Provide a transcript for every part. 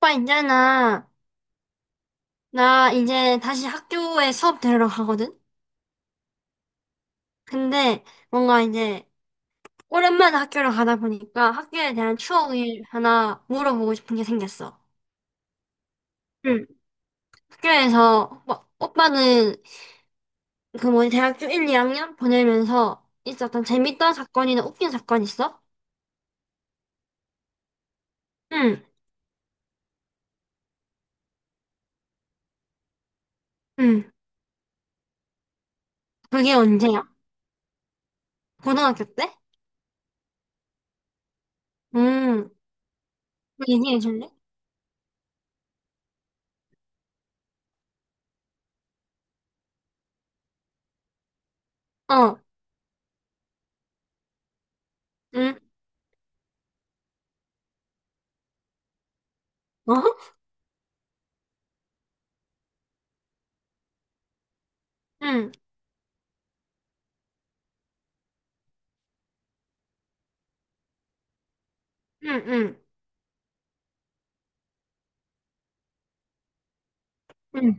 오빠 있잖아. 나 이제 다시 학교에 수업 들으러 가거든? 근데 뭔가 이제 오랜만에 학교를 가다 보니까 학교에 대한 추억이 하나 물어보고 싶은 게 생겼어. 응. 학교에서 뭐, 오빠는 그 뭐지 대학교 1, 2학년 보내면서 있었던 재밌던 사건이나 웃긴 사건 있어? 응. 응. 그게 언제야? 고등학교 때? 응. 얘기해 줄래? 어. 응. 어? 응. 응. 응. 응.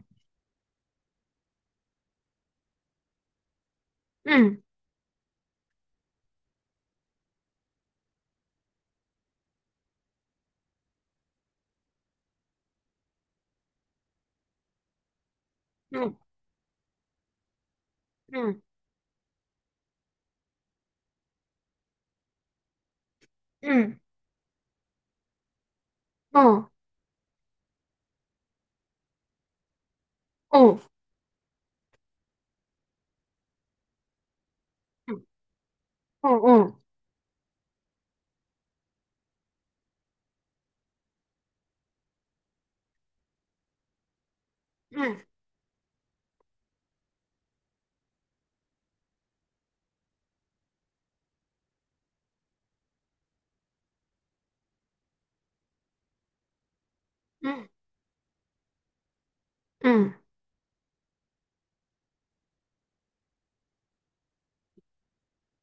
응. 응. 응. 응. 어, 어, 어, 어, 응, 응, 응,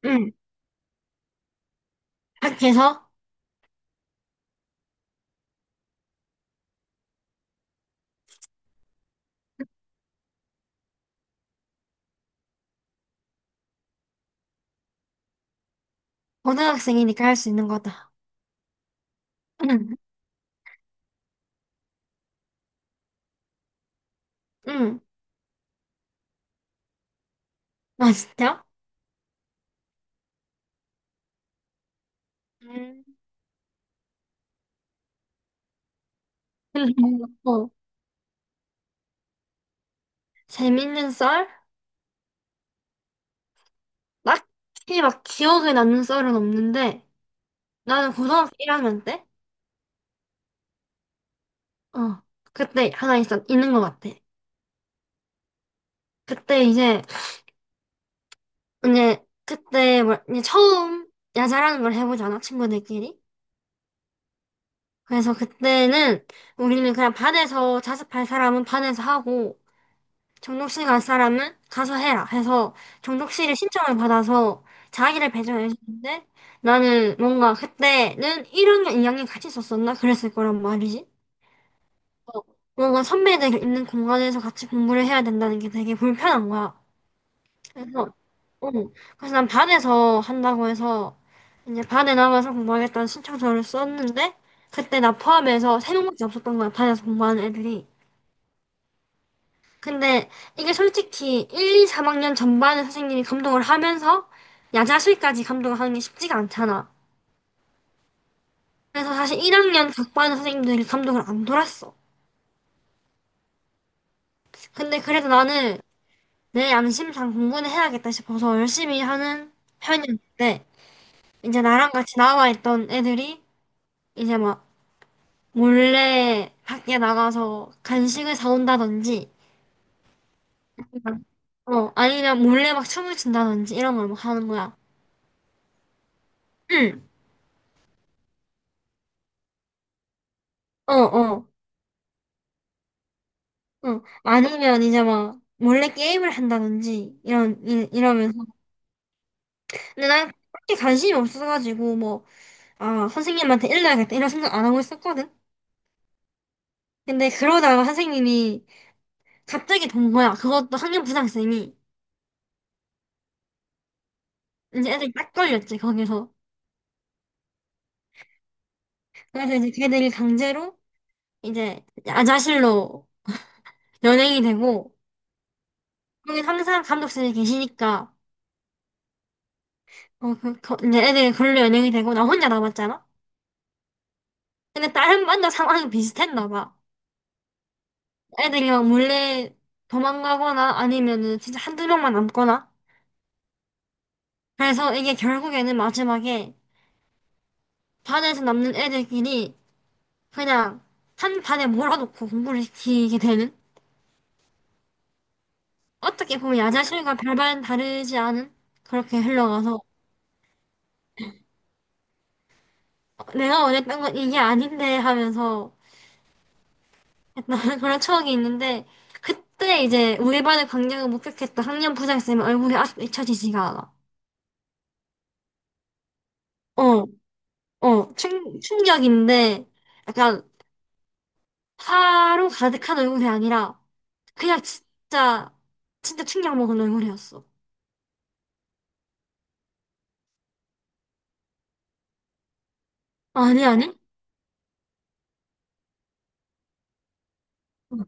응. 학교에서 고등학생이니까 할 수 있는 거다. 응, 응. 아, 진짜? 음. 어, 재밌는 썰? 딱히 막 기억에 남는 썰은 없는데, 나는 고등학교 1학년 때? 어, 그때 하나 있어, 있는 것 같아. 그때 이제, 이제, 그때 뭐, 이제 처음 야자라는 걸 해보잖아, 친구들끼리. 그래서 그때는 우리는 그냥 반에서 자습할 사람은 반에서 하고 정독실 갈 사람은 가서 해라 해서 정독실에 신청을 받아서 자기를 배정해 주는데 나는 뭔가 그때는 1학년, 2학년 같이 있었었나? 그랬을 거란 말이지. 어, 뭔가 선배들 있는 공간에서 같이 공부를 해야 된다는 게 되게 불편한 거야. 그래서, 응. 그래서 난 반에서 한다고 해서 이제 반에 나가서 공부하겠다는 신청서를 썼는데 그때 나 포함해서 세 명밖에 없었던 거야 반에서 공부하는 애들이. 근데 이게 솔직히 1, 2, 3학년 전반의 선생님이 감독을 하면서 야자수까지 감독을 하는 게 쉽지가 않잖아. 그래서 사실 1학년 각 반 선생님들이 감독을 안 돌았어. 근데 그래도 나는 내 양심상 공부는 해야겠다 싶어서 열심히 하는 편이었는데 이제 나랑 같이 나와 있던 애들이 이제 막 몰래 밖에 나가서 간식을 사온다든지, 그냥, 어, 아니면 몰래 막 춤을 춘다든지 이런 걸 막 하는 거야. 응, 어, 어, 어. 아니면 이제 막 몰래 게임을 한다든지 이런 이러면서. 근데 난 그렇게 관심이 없어가지고 뭐, 아, 선생님한테 일러야겠다 이런 생각 안 하고 있었거든. 근데 그러다가 선생님이 갑자기 본 거야. 그것도 학년부장쌤이 이제 애들이 딱 걸렸지 거기서. 그래서 이제 걔들이 강제로 이제 야자실로 연예인이 되고, 여기 항상 감독선생님이 계시니까, 어, 이제 애들이 그걸로 연예인이 되고, 나 혼자 남았잖아? 근데 다른 반도 상황이 비슷했나 봐. 애들이 막 몰래 도망가거나 아니면은 진짜 한두 명만 남거나. 그래서 이게 결국에는 마지막에 반에서 남는 애들끼리 그냥 한 반에 몰아놓고 공부를 시키게 되는? 어떻게 보면 야자실과 별반 다르지 않은? 그렇게 흘러가서 내가 원했던 건 이게 아닌데 하면서 나는 그런 추억이 있는데 그때 이제 우리 반의 광경을 목격했던 학년 부장쌤 의 얼굴이 아직도 잊혀지지가 않아. 어, 어, 충격인데 약간 화로 가득한 얼굴이 아니라 그냥 진짜 진짜 충격 먹은 얼굴이었어. 아니 아니? 응,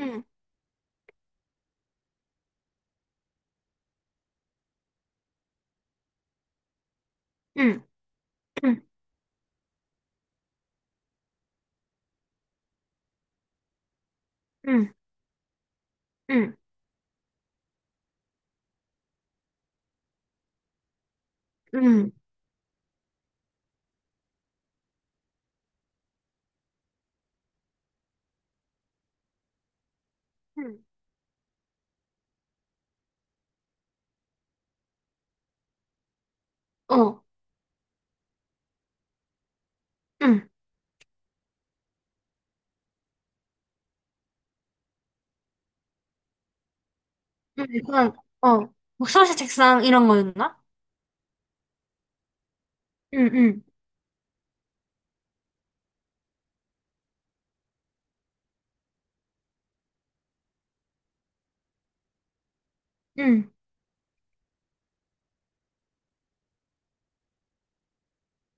응, 응, 응, 응, 응, 응, 어, 응, 응, 약간 어, 목소리 책상 이런 거였나? 응, 응, 응,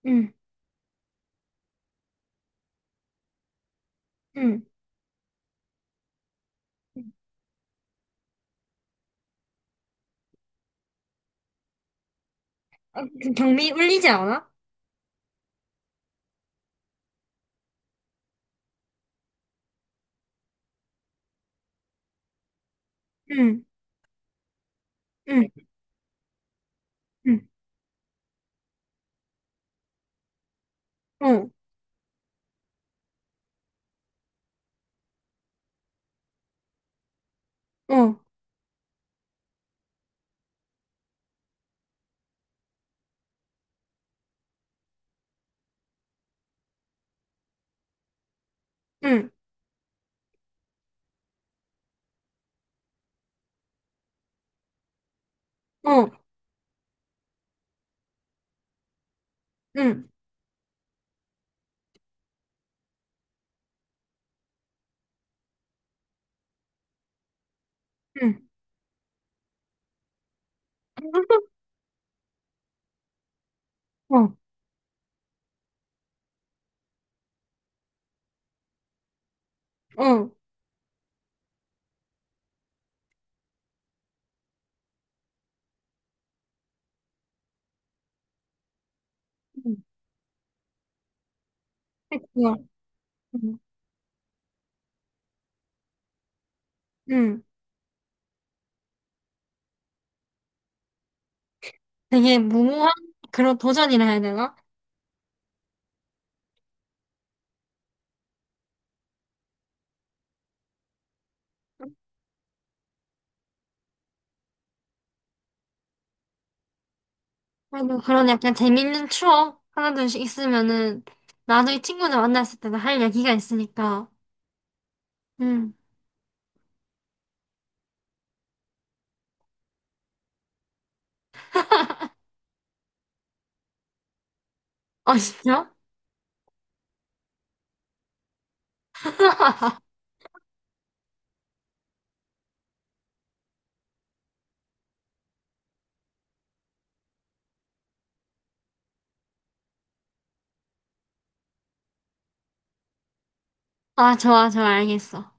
응, 응. 아, 그 경미 울리지 않아? 응, 응, 응, 어, 어, 응, 어, 응, 응, 어, 어, 응, 좋아. 응, 응. 되게 무모한 그런 도전이라 해야 되나? 그래도 그런 약간 재밌는 추억 하나둘씩 있으면은 나중에 친구들 만났을 때도 할 얘기가 있으니까. 응. 아, 진짜? 아, 좋아, 좋아, 알겠어.